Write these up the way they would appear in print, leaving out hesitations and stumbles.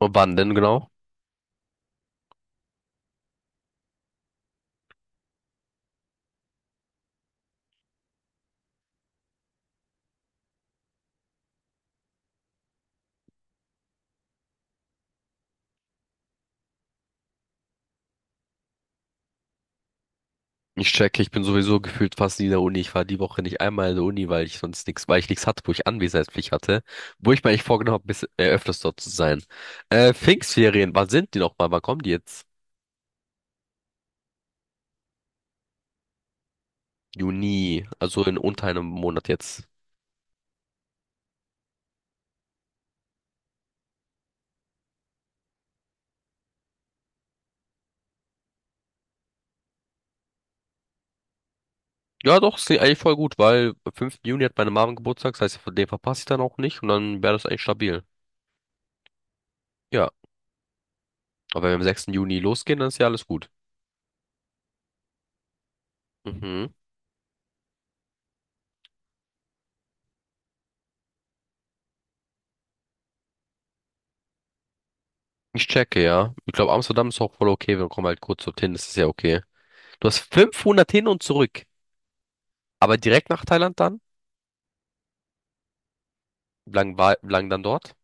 Wann denn genau? Ich checke, ich bin sowieso gefühlt fast nie in der Uni. Ich war die Woche nicht einmal in der Uni, weil ich sonst nichts, weil ich nichts hatte, wo ich Anwesenheitspflicht hatte, wo ich mir eigentlich vorgenommen habe, bis, öfters dort zu sein. Pfingstferien, wann sind die nochmal? Wann kommen die jetzt? Juni, also in unter einem Monat jetzt. Ja, doch, es klingt eigentlich voll gut, weil am 5. Juni hat meine Mom Geburtstag, das heißt, von dem verpasse ich dann auch nicht und dann wäre das eigentlich stabil. Ja, aber wenn wir am 6. Juni losgehen, dann ist ja alles gut. Mhm. Ich checke, ja. Ich glaube, Amsterdam ist auch voll okay, wir kommen halt kurz dorthin, das ist ja okay. Du hast 500 hin und zurück, aber direkt nach Thailand dann? Wie lang, war, wie lang dann dort?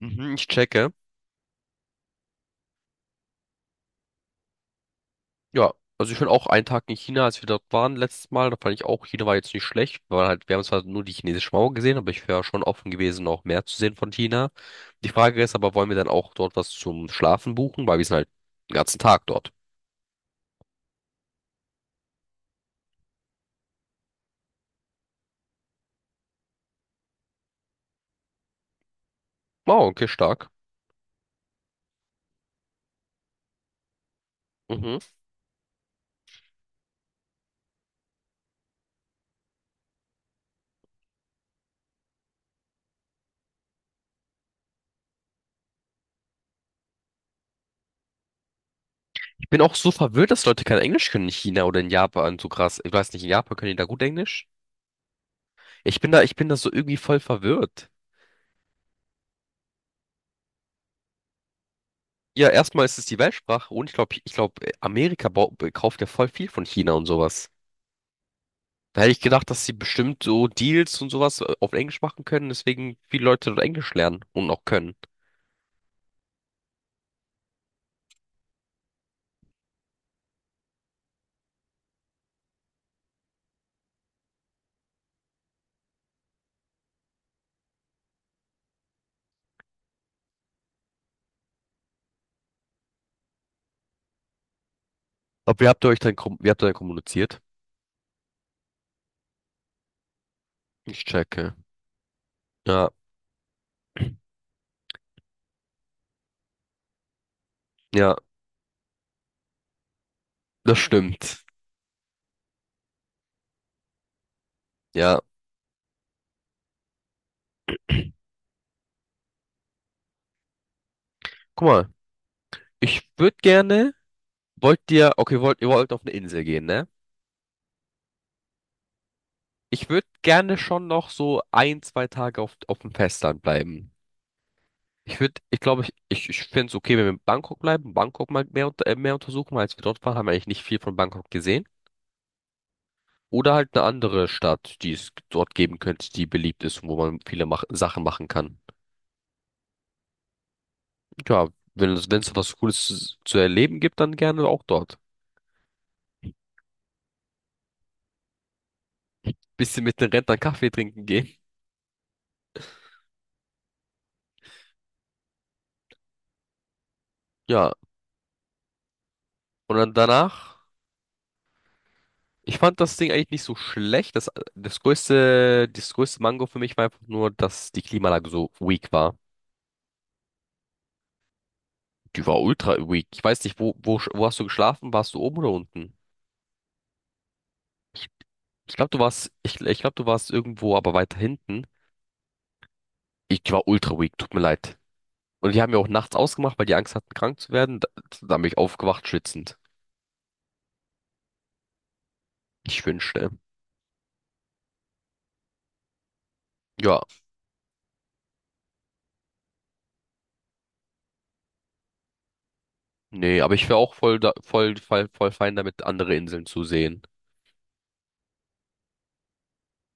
Mhm, ich checke. Ja, also ich bin auch einen Tag in China, als wir dort waren letztes Mal. Da fand ich auch, China war jetzt nicht schlecht. Wir waren halt, wir haben zwar nur die chinesische Mauer gesehen, aber ich wäre schon offen gewesen, noch mehr zu sehen von China. Die Frage ist aber, wollen wir dann auch dort was zum Schlafen buchen? Weil wir sind halt den ganzen Tag dort. Wow, okay, stark. Mhm. Ich bin auch so verwirrt, dass Leute kein Englisch können in China oder in Japan. So krass. Ich weiß nicht, in Japan können die da gut Englisch? Ich bin da so irgendwie voll verwirrt. Ja, erstmal ist es die Weltsprache und ich glaube, Amerika bau- kauft ja voll viel von China und sowas. Da hätte ich gedacht, dass sie bestimmt so Deals und sowas auf Englisch machen können, deswegen viele Leute dort Englisch lernen und auch können. Aber wie habt ihr euch dann, kom- wie habt ihr dann kommuniziert? Ich checke. Ja, ja, das stimmt. Ja. Guck mal, ich würde gerne, wollt ihr, okay, wollt, ihr wollt auf eine Insel gehen, ne? Ich würde gerne schon noch so ein, zwei Tage auf dem Festland bleiben. Ich würde, ich glaube, ich finde es okay, wenn wir in Bangkok bleiben, Bangkok mal mehr, unter- mehr untersuchen, weil als wir dort waren, haben wir eigentlich nicht viel von Bangkok gesehen. Oder halt eine andere Stadt, die es dort geben könnte, die beliebt ist und wo man viele mach Sachen machen kann. Ja, wenn es, wenn es was Cooles zu erleben gibt, dann gerne auch dort. Bisschen mit den Rentnern Kaffee trinken gehen. Ja, und dann danach, ich fand das Ding eigentlich nicht so schlecht. Das, das größte Mango für mich war einfach nur, dass die Klimaanlage so weak war. Die war ultra weak. Ich weiß nicht, sch- wo hast du geschlafen? Warst du oben oder unten? Ich, ich glaube, du warst, ich glaube, du warst irgendwo, aber weiter hinten. Ich war ultra weak, tut mir leid. Und die haben ja auch nachts ausgemacht, weil die Angst hatten, krank zu werden. Da, da bin ich aufgewacht, schwitzend. Ich wünschte. Ja, nee, aber ich wäre auch voll, da, voll fein damit, andere Inseln zu sehen.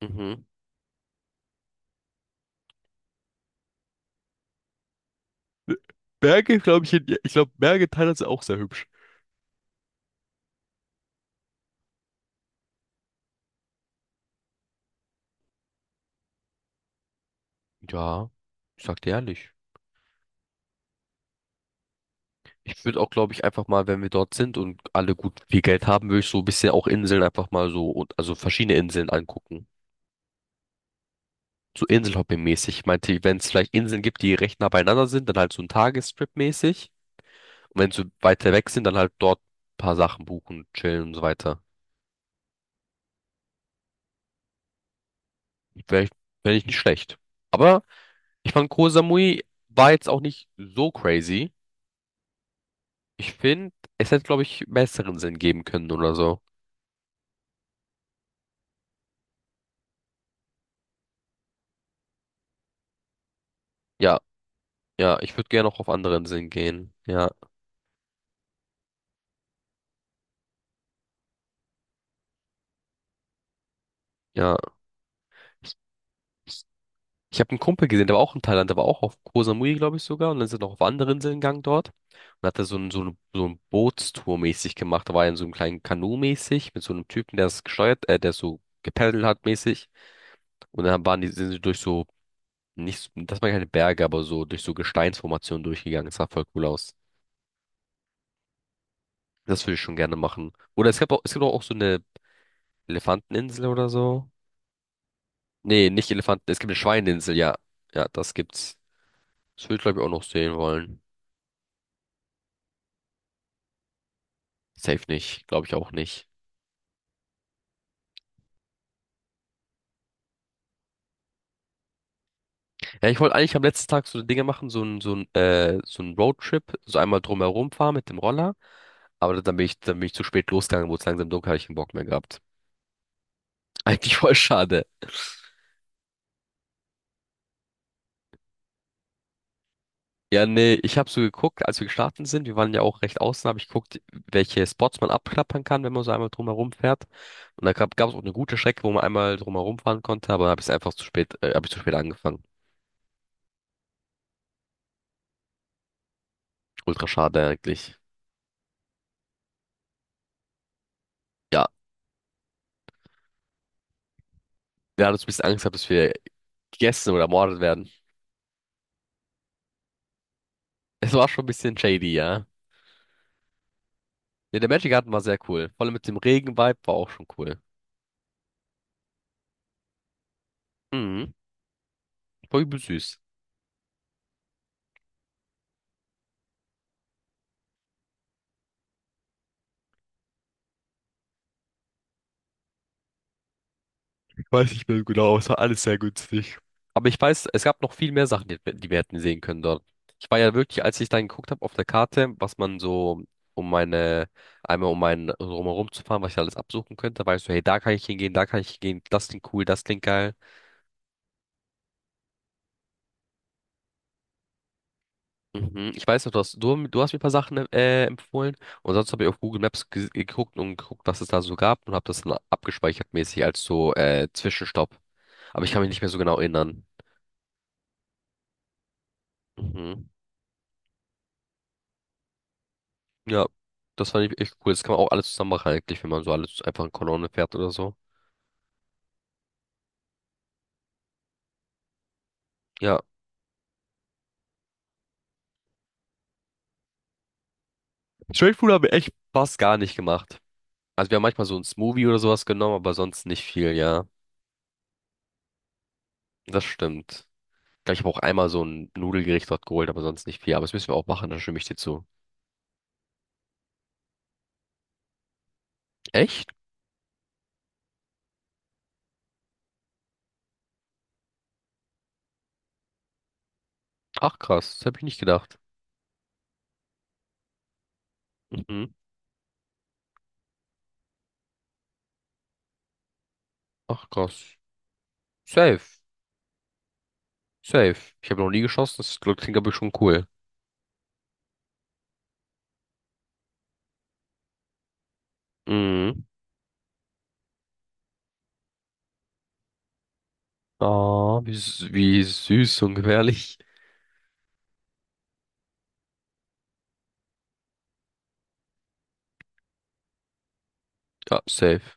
Mhm. Berge, glaube ich, in- ich glaube, Berge in Thailand sind auch sehr hübsch. Ja, ich sag dir ehrlich. Ich würde auch, glaube ich, einfach mal, wenn wir dort sind und alle gut viel Geld haben, würde ich so ein bisschen auch Inseln einfach mal so, und also verschiedene Inseln angucken. So Inselhopping-mäßig. Ich meinte, wenn es vielleicht Inseln gibt, die recht nah beieinander sind, dann halt so ein Tagestrip-mäßig. Und wenn sie weiter weg sind, dann halt dort ein paar Sachen buchen, chillen und so weiter. Wäre ich, wär ich nicht schlecht. Aber ich fand Koh Samui war jetzt auch nicht so crazy. Ich finde, es hätte, glaube ich, besseren Sinn geben können oder so. Ja, ja, ich würde gerne auch auf andere Inseln gehen. Ja, ja. Ich habe einen Kumpel gesehen, der war auch in Thailand, der war auch auf Koh Samui, glaube ich sogar. Und dann sind noch auf andere Inseln gegangen dort. Und hat da so ein, so ein Bootstour mäßig gemacht. Da war er in so einem kleinen Kanu mäßig mit so einem Typen, der es gesteuert, der so gepaddelt hat mäßig. Und dann waren die, sind sie durch so, nicht, so- das waren keine Berge, aber so durch so Gesteinsformationen durchgegangen. Das sah voll cool aus. Das würde ich schon gerne machen. Oder es gab auch, es gibt auch so eine Elefanteninsel oder so. Nee, nicht Elefanten, es gibt eine Schweineinsel, ja. Ja, das gibt's. Das würde ich, glaube ich, auch noch sehen wollen. Safe nicht, glaube ich auch nicht. Ja, ich wollte eigentlich am letzten Tag so Dinge machen, so ein, so ein Roadtrip, so einmal drumherum fahren mit dem Roller, aber dann bin ich zu spät losgegangen, wurde es langsam dunkel, habe ich keinen Bock mehr gehabt. Eigentlich voll schade. Ja, nee, ich habe so geguckt, als wir gestartet sind, wir waren ja auch recht außen, habe ich geguckt, welche Spots man abklappern kann, wenn man so einmal drumherum fährt. Und da gab es auch eine gute Strecke, wo man einmal drumherum fahren konnte, aber habe ich einfach zu spät, habe ich zu spät angefangen. Ultra schade eigentlich. Ja, wir hatten uns ein bisschen Angst gehabt, dass wir gegessen oder ermordet werden. Es war schon ein bisschen shady, ja. Nee, der Magic Garden war sehr cool. Vor allem mit dem Regen-Vibe war auch schon cool. Mhm. War übel süß. Ich weiß nicht mehr genau, es war alles sehr günstig. Aber ich weiß, es gab noch viel mehr Sachen, die wir hätten sehen können dort. Ich war ja wirklich, als ich dann geguckt habe auf der Karte, was man so um meine, einmal um meinen so drumherum zu fahren, was ich alles absuchen könnte, weißt du, hey, da kann ich hingehen, da kann ich hingehen, das klingt cool, das klingt geil. Mhm. Ich weiß noch, du hast, du hast mir ein paar Sachen empfohlen und sonst habe ich auf Google Maps ge geguckt und geguckt, was es da so gab und habe das dann abgespeichert mäßig als so Zwischenstopp. Aber ich kann mich nicht mehr so genau erinnern. Mhm. Ja, das fand ich echt cool. Das kann man auch alles zusammen machen eigentlich, wenn man so alles einfach in Kolonne fährt oder so. Ja, Street Food habe ich echt fast gar nicht gemacht. Also wir haben manchmal so ein Smoothie oder sowas genommen, aber sonst nicht viel, ja. Das stimmt. Ich glaube, ich habe auch einmal so ein Nudelgericht dort geholt, aber sonst nicht viel. Aber das müssen wir auch machen, da stimme ich dir zu. Echt? Ach krass, das habe ich nicht gedacht. Mhm. Ach krass. Safe. Safe. Ich habe noch nie geschossen, das klingt aber schon cool. Mhm. Ah, wie, s- wie süß und gefährlich. Ja, safe.